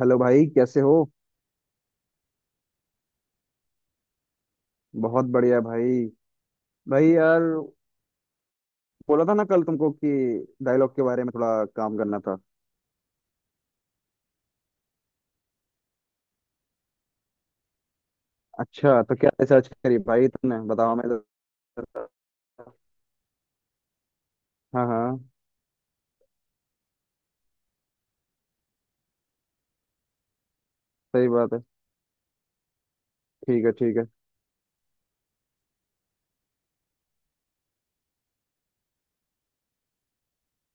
Hello भाई कैसे हो। बहुत बढ़िया भाई। भाई यार बोला था ना कल तुमको कि डायलॉग के बारे में थोड़ा काम करना था। अच्छा, तो क्या रिसर्च करी भाई तुमने, बताओ मैं जरा। हाँ हाँ। सही बात है। ठीक है, ठीक है।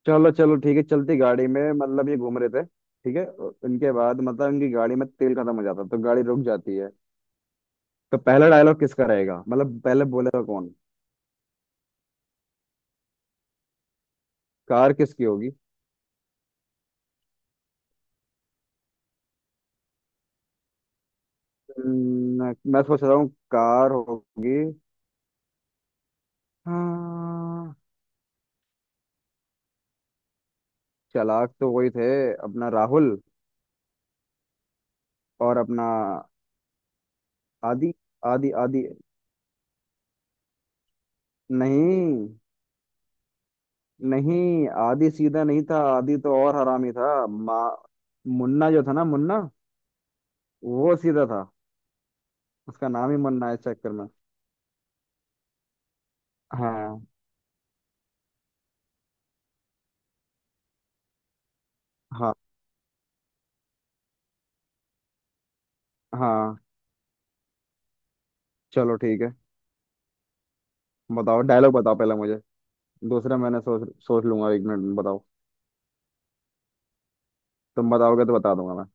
चलो चलो, ठीक है। चलती गाड़ी में मतलब ये घूम रहे थे। ठीक है। और इनके बाद मतलब इनकी गाड़ी में तेल खत्म हो जाता है, तो गाड़ी रुक जाती है। तो पहला डायलॉग किसका रहेगा, मतलब पहले बोलेगा कौन। कार किसकी होगी। मैं सोच रहा हूँ कार होगी। हाँ। चालाक तो वही थे। अपना राहुल और अपना आदि। आदि आदि। नहीं, नहीं, आदि सीधा नहीं था, आदि तो और हरामी था। मा मुन्ना जो था ना, मुन्ना वो सीधा था। उसका नाम ही मुन्ना है इस चक्कर में। हाँ। हाँ हाँ, चलो ठीक है। बताओ, डायलॉग बताओ पहले मुझे। दूसरा मैंने सोच सोच लूंगा एक मिनट में। बताओ, तुम बताओगे तो बता दूंगा मैं।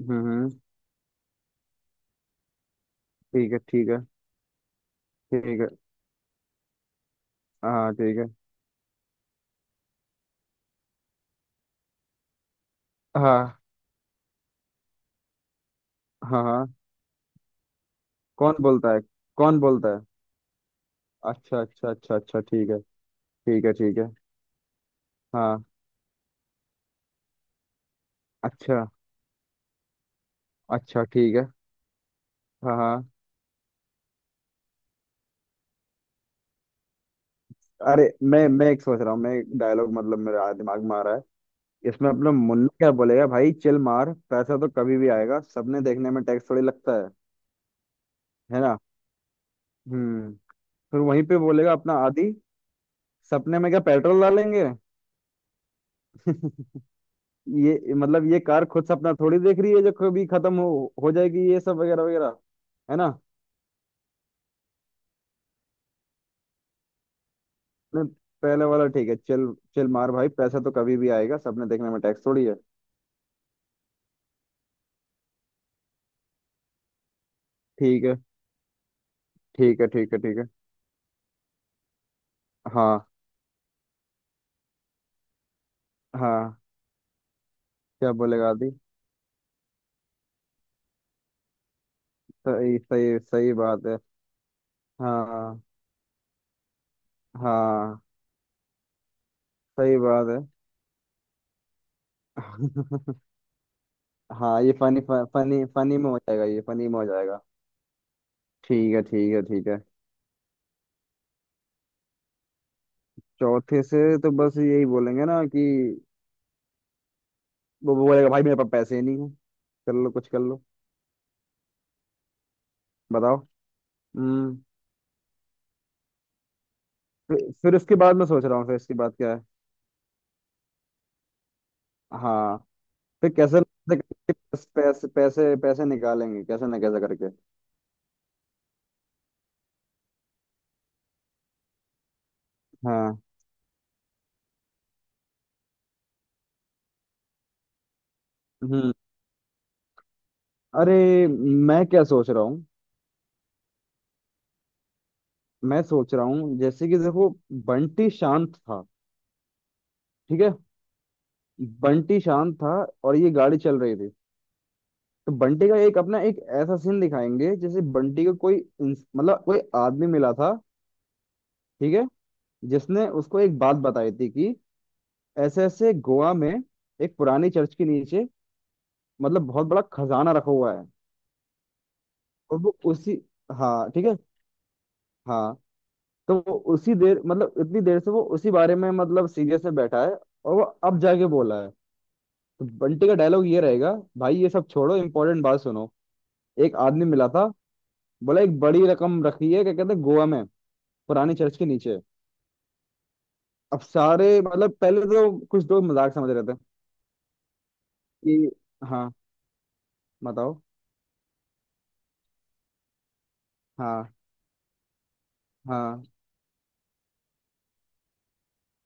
हम्म। ठीक है, ठीक है, ठीक है। हाँ, ठीक है। हाँ, हाँ, हाँ। कौन बोलता है? कौन बोलता है? अच्छा, अच्छा, अच्छा, अच्छा, ठीक है। ठीक है, ठीक है। हाँ। अच्छा, अच्छा, ठीक है। हाँ, हाँ। अरे, मैं एक सोच रहा हूँ मैं, डायलॉग मतलब मेरा दिमाग में आ रहा है। इसमें अपना मुन्ना क्या बोलेगा, भाई चिल मार, पैसा तो कभी भी आएगा, सबने देखने में टैक्स थोड़ी लगता है। है ना। हम्म। फिर वहीं पे बोलेगा अपना आदि, सपने में क्या पेट्रोल डालेंगे? ये मतलब, ये कार खुद सपना थोड़ी देख रही है जो कभी खत्म हो जाएगी, ये सब वगैरह वगैरह। है ना। नहीं, पहले वाला ठीक है। चल चल मार भाई, पैसा तो कभी भी आएगा, सपने देखने में टैक्स थोड़ी है। ठीक है, ठीक है, ठीक है, ठीक है। हाँ, हाँ। क्या बोलेगा आदि? सही, सही, सही बात है। हाँ, हाँ, सही बात है। हाँ, ये फनी। फनी, फनी में हो जाएगा, ये फनी में हो जाएगा। ठीक है, ठीक है, ठीक है। चौथे से तो बस यही बोलेंगे ना कि वो बोलेगा भाई मेरे पास पैसे ही नहीं है, कर लो कुछ कर लो। बताओ। हम्म। फिर उसके बाद मैं सोच रहा हूँ, फिर इसके बाद क्या है। हाँ। फिर कैसे न कैसे करके, पैसे पैसे पैसे निकालेंगे, कैसे ना कैसे करके। हाँ। हम्म। अरे, मैं क्या सोच रहा हूँ। मैं सोच रहा हूँ, जैसे कि देखो। बंटी शांत था। ठीक है। बंटी शांत था। और ये गाड़ी चल रही थी। तो बंटी का एक अपना एक ऐसा सीन दिखाएंगे, जैसे बंटी को कोई मतलब कोई आदमी मिला था। ठीक है। जिसने उसको एक बात बताई थी कि ऐसे ऐसे गोवा में एक पुरानी चर्च के नीचे मतलब बहुत बड़ा खजाना रखा हुआ है। और वो उसी। हाँ ठीक है। हाँ। तो वो उसी देर मतलब इतनी देर से वो उसी बारे में मतलब सीरियस में बैठा है। और वो अब जाके बोला है। तो बंटी का डायलॉग ये रहेगा। भाई, ये सब छोड़ो, इंपॉर्टेंट बात सुनो। एक आदमी मिला था, बोला एक बड़ी रकम रखी है, क्या कहते हैं गोवा में, पुरानी चर्च के नीचे। अब सारे मतलब, पहले तो कुछ लोग मजाक समझ रहे थे कि। हाँ, बताओ। हाँ, हाँ।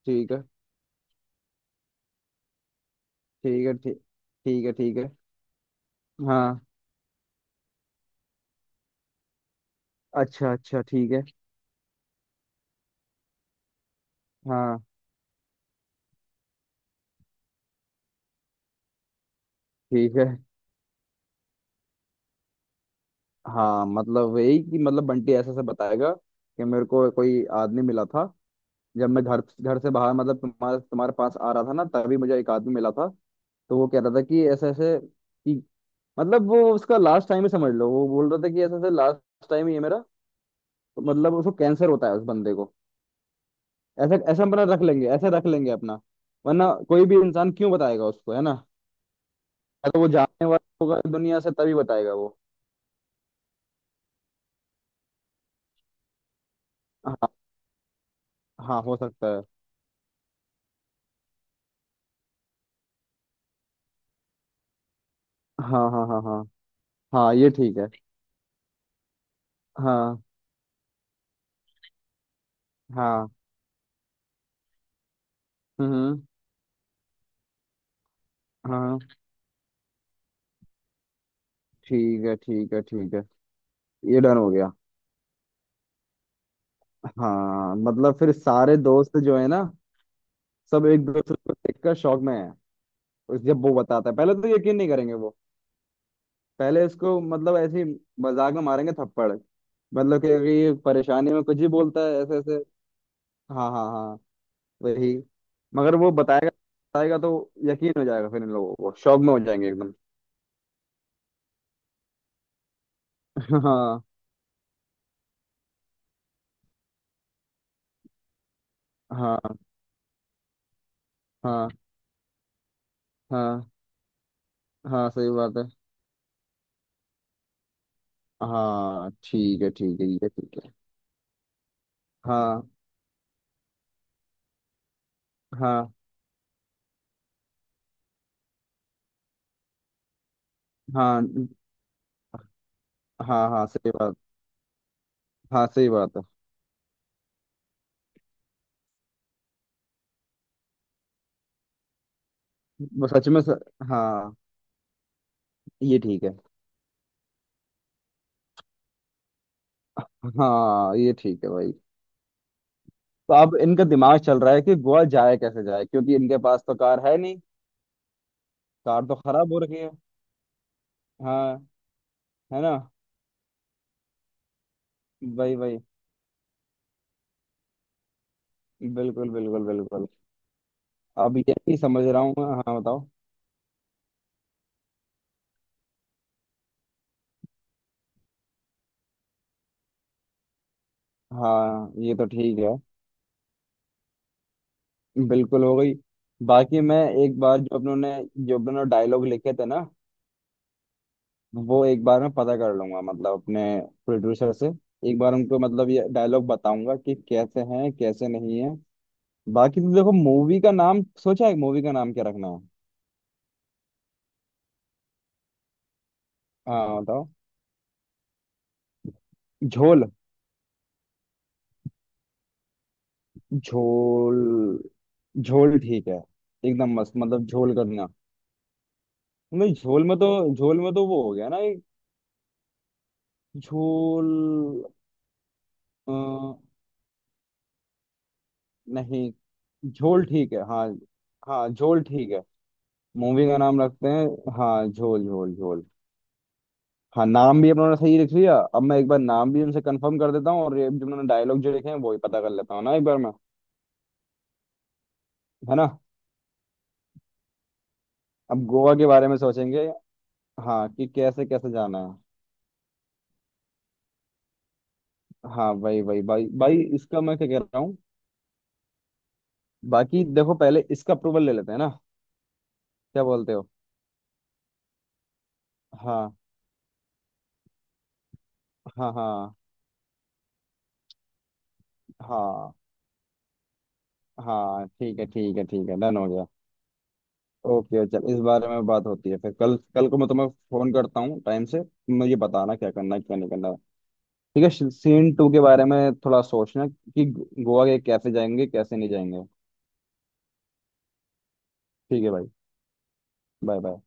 ठीक है, ठीक है। ठीक, ठीक है। ठीक है। हाँ। अच्छा, अच्छा, ठीक है। हाँ, ठीक है। हाँ। मतलब यही कि, मतलब बंटी ऐसे से बताएगा कि मेरे को कोई आदमी मिला था। जब मैं घर घर से बाहर मतलब तुम्हारे तुम्हारे पास आ रहा था ना, तभी मुझे एक आदमी मिला था। तो वो कह रहा था कि ऐसे ऐसे कि, मतलब वो उसका लास्ट टाइम ही समझ लो, वो बोल रहा था कि ऐसे ऐसे लास्ट टाइम ही है मेरा। तो मतलब उसको कैंसर होता है उस बंदे को। ऐसा ऐसा अपना रख लेंगे, ऐसे रख लेंगे अपना। वरना कोई भी इंसान क्यों बताएगा उसको, है ना। या तो वो जानने वाला होगा दुनिया से, तभी बताएगा वो। हाँ हाँ, हो सकता है। हाँ, हाँ, हाँ, हाँ। हाँ, ये ठीक है। हाँ, हाँ। हम्म। हाँ, ठीक है, ठीक है, ठीक है। ये डन हो गया। हाँ मतलब, फिर सारे दोस्त जो है ना, सब एक दूसरे को देखकर शौक में है। जब वो बताता है पहले तो यकीन नहीं करेंगे वो। पहले इसको मतलब ऐसे ही मजाक में मारेंगे थप्पड़, मतलब कि अगर ये परेशानी में कुछ ही बोलता है ऐसे ऐसे। हाँ, हाँ, हाँ। वही। मगर वो बताएगा, बताएगा तो यकीन हो जाएगा, फिर इन लोगों को शौक में हो जाएंगे एकदम। हाँ, हाँ, हाँ, हाँ, हाँ, सही बात है। हाँ, ठीक है, ठीक है, ठीक है, ठीक है। हाँ, हाँ, हाँ, हाँ, हाँ सही बात। हाँ, सही बात है। वो सच में हाँ, ये ठीक है। हाँ, ये ठीक है भाई। तो अब इनका दिमाग चल रहा है कि गोवा जाए, कैसे जाए, क्योंकि इनके पास तो कार है नहीं। कार तो खराब हो रखी है। हाँ। है ना। वही, वही। बिल्कुल, बिल्कुल, बिल्कुल। अब ये भी समझ रहा हूँ मैं। हाँ बताओ। हाँ, ये तो ठीक है। बिल्कुल हो गई। बाकी मैं एक बार जो अपनों ने डायलॉग लिखे थे ना, वो एक बार मैं पता कर लूंगा मतलब अपने प्रोड्यूसर से। एक बार उनको मतलब ये डायलॉग बताऊंगा कि कैसे हैं, कैसे नहीं है। बाकी तो देखो, मूवी का नाम सोचा है? मूवी का नाम क्या रखना है? हाँ बताओ। झोल। झोल। झोल ठीक है। एकदम मस्त, मतलब झोल करना। नहीं, झोल में तो, वो हो गया ना एक। झोल। अ, नहीं, झोल ठीक है। हाँ। हाँ, झोल ठीक है। मूवी का नाम रखते हैं। हाँ, झोल, झोल, झोल। हाँ, नाम भी अपना उन्होंने सही लिख लिया, अब मैं एक बार नाम भी उनसे कंफर्म कर देता हूँ, और ये जो मैंने डायलॉग जो लिखे हैं वो ही पता कर लेता हूँ ना एक बार मैं। है ना। अब गोवा के बारे में सोचेंगे। हाँ, कि कैसे कैसे जाना है। हाँ, वही, वही। भाई, भाई, इसका मैं क्या कह रहा हूँ। बाकी देखो, पहले इसका अप्रूवल ले लेते हैं ना, क्या बोलते हो? हाँ, हाँ, हाँ, हाँ, हाँ, ठीक है, ठीक है, ठीक है, डन हो गया। ओके, चल, इस बारे में बात होती है, फिर कल कल को मैं तुम्हें फोन करता हूँ टाइम से। मुझे बताना क्या करना है, क्या नहीं करना। ठीक है, सीन 2 के बारे में थोड़ा सोचना, कि गोवा के कैसे जाएंगे, कैसे नहीं जाएंगे। ठीक है भाई। Bye bye.